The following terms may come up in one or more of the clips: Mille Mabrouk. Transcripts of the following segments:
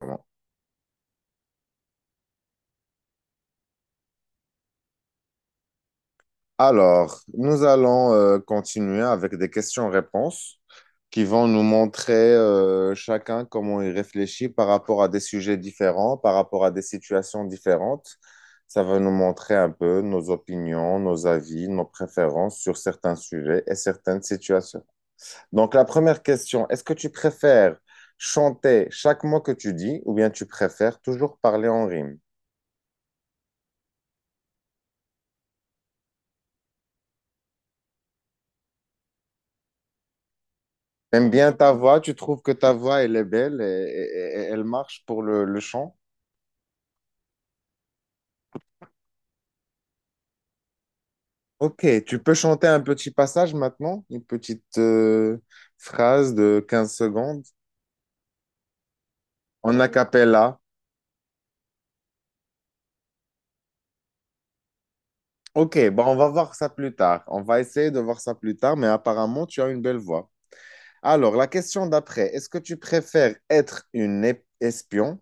Bon. Alors, nous allons continuer avec des questions-réponses qui vont nous montrer chacun comment il réfléchit par rapport à des sujets différents, par rapport à des situations différentes. Ça va nous montrer un peu nos opinions, nos avis, nos préférences sur certains sujets et certaines situations. Donc, la première question, est-ce que tu préfères chanter chaque mot que tu dis ou bien tu préfères toujours parler en rime? T'aimes bien ta voix, tu trouves que ta voix, elle est belle et elle marche pour le chant. Ok, tu peux chanter un petit passage maintenant, une petite phrase de 15 secondes en a cappella. Ok, bon, on va voir ça plus tard. On va essayer de voir ça plus tard, mais apparemment, tu as une belle voix. Alors, la question d'après, est-ce que tu préfères être espion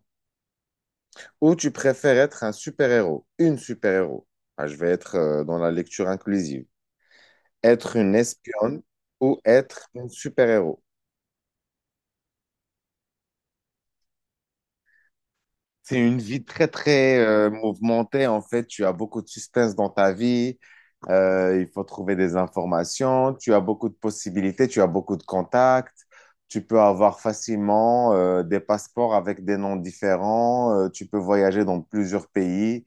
ou tu préfères être un super-héros? Une super-héros. Ah, je vais être dans la lecture inclusive. Être une espionne ou être un super-héros. C'est une vie très, très mouvementée, en fait. Tu as beaucoup de suspense dans ta vie. Il faut trouver des informations. Tu as beaucoup de possibilités. Tu as beaucoup de contacts. Tu peux avoir facilement des passeports avec des noms différents. Tu peux voyager dans plusieurs pays.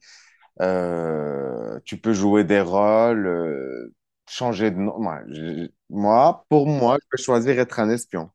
Tu peux jouer des rôles, changer de nom. Moi, pour moi, je peux choisir être un espion.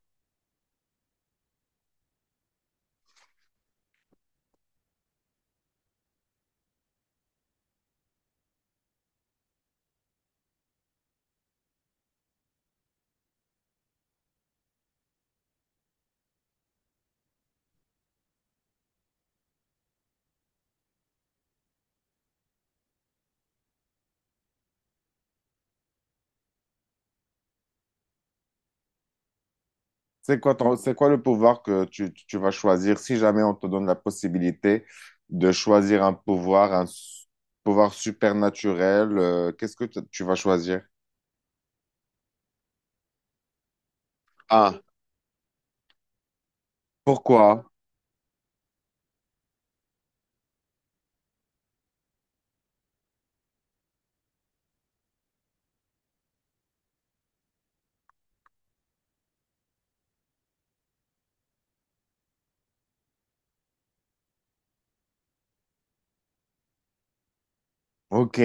C'est quoi c'est quoi le pouvoir que tu vas choisir si jamais on te donne la possibilité de choisir un pouvoir, pouvoir supernaturel, qu'est-ce que tu vas choisir? Ah, pourquoi? Ok.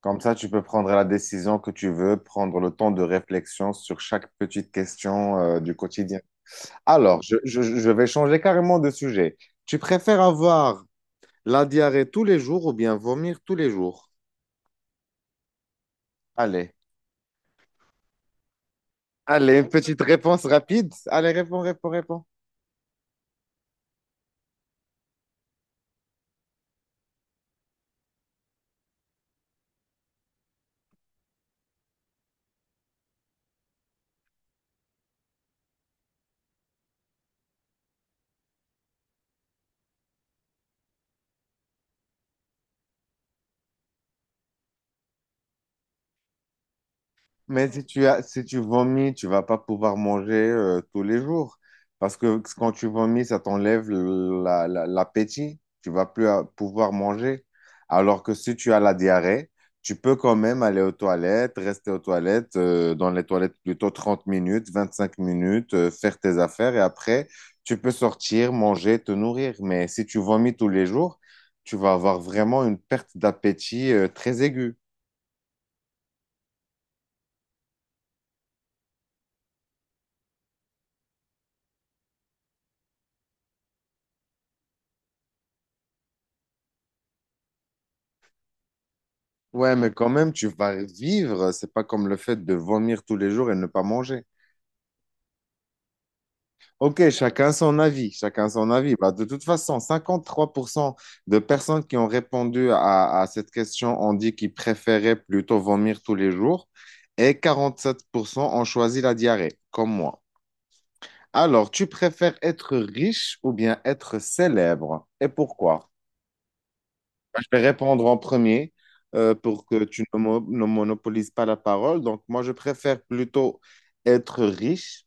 Comme ça, tu peux prendre la décision que tu veux, prendre le temps de réflexion sur chaque petite question, du quotidien. Alors, je vais changer carrément de sujet. Tu préfères avoir la diarrhée tous les jours ou bien vomir tous les jours? Allez. Allez, une petite réponse rapide. Allez, réponds, réponds, réponds. Mais si tu as, si tu vomis, tu vas pas pouvoir manger tous les jours. Parce que quand tu vomis, ça t'enlève l'appétit. Tu vas plus pouvoir manger. Alors que si tu as la diarrhée, tu peux quand même aller aux toilettes, rester aux toilettes, dans les toilettes plutôt 30 minutes, 25 minutes, faire tes affaires et après, tu peux sortir, manger, te nourrir. Mais si tu vomis tous les jours, tu vas avoir vraiment une perte d'appétit très aiguë. Ouais, mais quand même, tu vas vivre. C'est pas comme le fait de vomir tous les jours et ne pas manger. Ok, chacun son avis, chacun son avis. Bah, de toute façon, 53% de personnes qui ont répondu à cette question ont dit qu'ils préféraient plutôt vomir tous les jours et 47% ont choisi la diarrhée, comme moi. Alors, tu préfères être riche ou bien être célèbre? Et pourquoi? Je vais répondre en premier pour que tu ne monopolises pas la parole. Donc, moi, je préfère plutôt être riche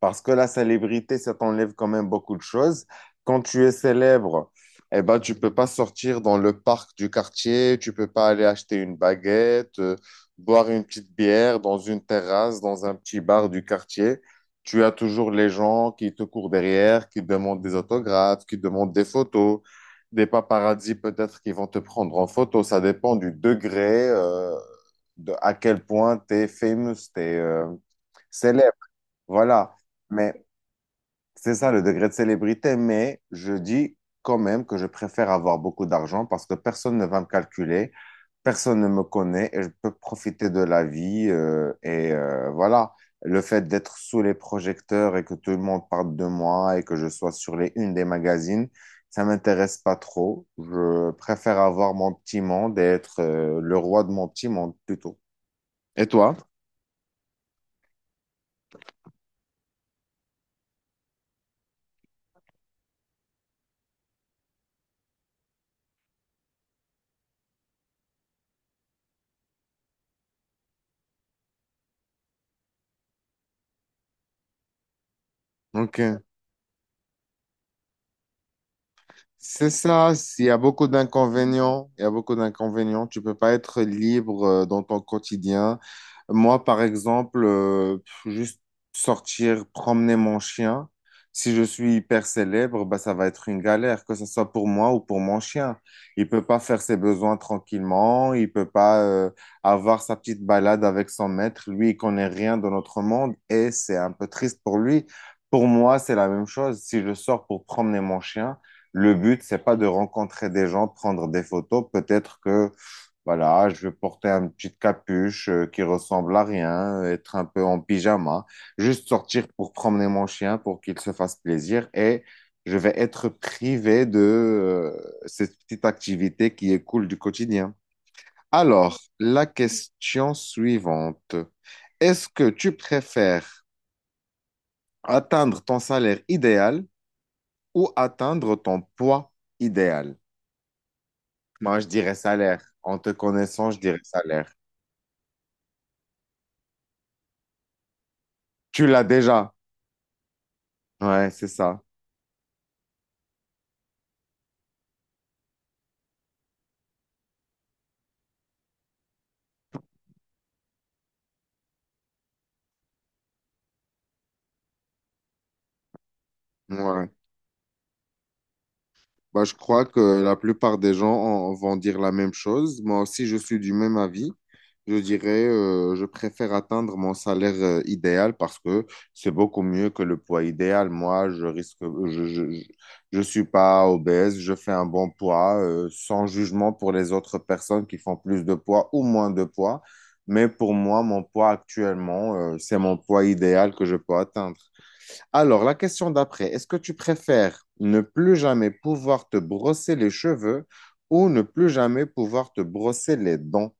parce que la célébrité, ça t'enlève quand même beaucoup de choses. Quand tu es célèbre, eh ben, tu peux pas sortir dans le parc du quartier, tu peux pas aller acheter une baguette, boire une petite bière dans une terrasse, dans un petit bar du quartier. Tu as toujours les gens qui te courent derrière, qui demandent des autographes, qui demandent des photos, des paparazzis peut-être qui vont te prendre en photo. Ça dépend du degré, de à quel point tu es famous, tu es célèbre. Voilà. Mais c'est ça le degré de célébrité, mais je dis quand même que je préfère avoir beaucoup d'argent parce que personne ne va me calculer, personne ne me connaît et je peux profiter de la vie. Voilà, le fait d'être sous les projecteurs et que tout le monde parle de moi et que je sois sur les unes des magazines, ça m'intéresse pas trop. Je préfère avoir mon petit monde et être le roi de mon petit monde plutôt. Et toi? Ok. C'est ça, il y a beaucoup d'inconvénients, il y a beaucoup d'inconvénients, tu peux pas être libre dans ton quotidien. Moi, par exemple, pff, juste sortir, promener mon chien, si je suis hyper célèbre, bah, ça va être une galère, que ce soit pour moi ou pour mon chien. Il peut pas faire ses besoins tranquillement, il peut pas avoir sa petite balade avec son maître. Lui, il connaît rien de notre monde et c'est un peu triste pour lui. Pour moi, c'est la même chose. Si je sors pour promener mon chien, le but, c'est pas de rencontrer des gens, de prendre des photos. Peut-être que, voilà, je vais porter une petite capuche qui ressemble à rien, être un peu en pyjama, juste sortir pour promener mon chien pour qu'il se fasse plaisir et je vais être privé de cette petite activité qui est cool du quotidien. Alors, la question suivante. Est-ce que tu préfères atteindre ton salaire idéal ou atteindre ton poids idéal? Moi, je dirais salaire. En te connaissant, je dirais salaire. Tu l'as déjà. Ouais, c'est ça. Ouais. Bah, je crois que la plupart des gens vont dire la même chose. Moi aussi, je suis du même avis. Je dirais, je préfère atteindre mon salaire idéal parce que c'est beaucoup mieux que le poids idéal. Moi, je risque, je, je, je je suis pas obèse, je fais un bon poids, sans jugement pour les autres personnes qui font plus de poids ou moins de poids. Mais pour moi, mon poids actuellement, c'est mon poids idéal que je peux atteindre. Alors, la question d'après, est-ce que tu préfères ne plus jamais pouvoir te brosser les cheveux ou ne plus jamais pouvoir te brosser les dents?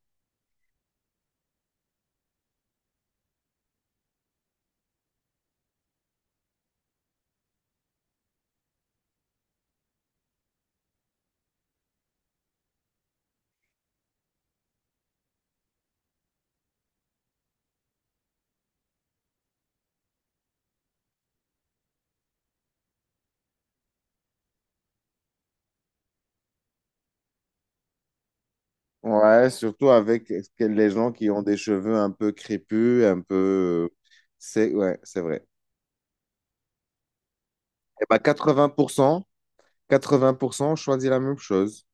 Ouais, surtout avec les gens qui ont des cheveux un peu crépus, un peu... C'est ouais, c'est vrai. Et bah 80% choisit la même chose.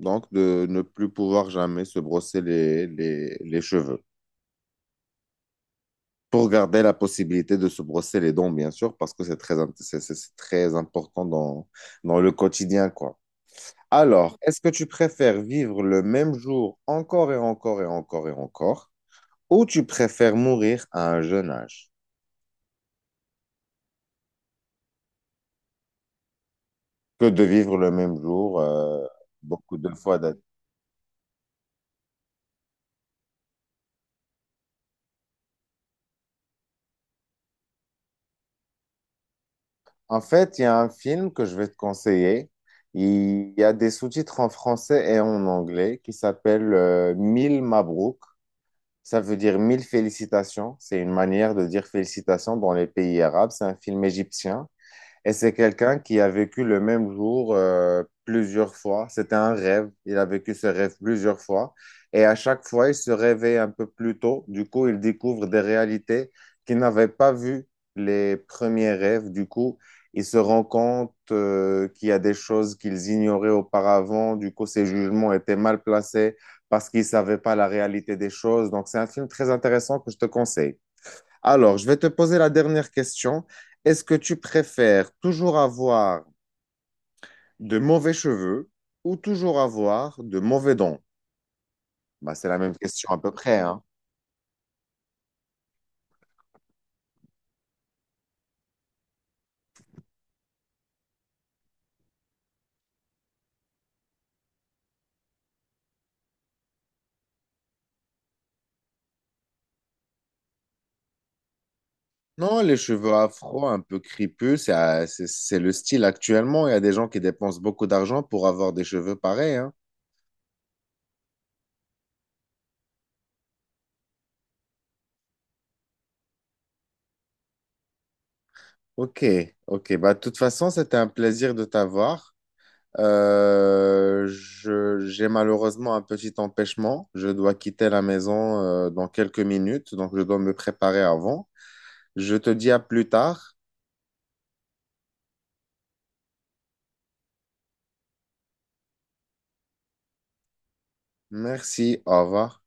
Donc, de ne plus pouvoir jamais se brosser les cheveux, pour garder la possibilité de se brosser les dents, bien sûr, parce que c'est c'est très important dans, dans le quotidien, quoi. Alors, est-ce que tu préfères vivre le même jour encore et encore et encore et encore, ou tu préfères mourir à un jeune âge que de vivre le même jour beaucoup de fois En fait, il y a un film que je vais te conseiller. Il y a des sous-titres en français et en anglais qui s'appelle Mille Mabrouk. Ça veut dire mille félicitations. C'est une manière de dire félicitations dans les pays arabes. C'est un film égyptien. Et c'est quelqu'un qui a vécu le même jour plusieurs fois. C'était un rêve. Il a vécu ce rêve plusieurs fois. Et à chaque fois, il se réveille un peu plus tôt. Du coup, il découvre des réalités qu'il n'avait pas vues les premiers rêves. Du coup, il se rend compte qu'il y a des choses qu'ils ignoraient auparavant. Du coup, ses jugements étaient mal placés parce qu'ils ne savaient pas la réalité des choses. Donc, c'est un film très intéressant que je te conseille. Alors, je vais te poser la dernière question. Est-ce que tu préfères toujours avoir de mauvais cheveux ou toujours avoir de mauvais dents? Bah, c'est la même question à peu près, hein. Non, les cheveux afro, un peu crépus, c'est c'est le style actuellement. Il y a des gens qui dépensent beaucoup d'argent pour avoir des cheveux pareils, hein. Ok, ok. Bah, de toute façon, c'était un plaisir de t'avoir. J'ai malheureusement un petit empêchement. Je dois quitter la maison dans quelques minutes, donc je dois me préparer avant. Je te dis à plus tard. Merci, au revoir.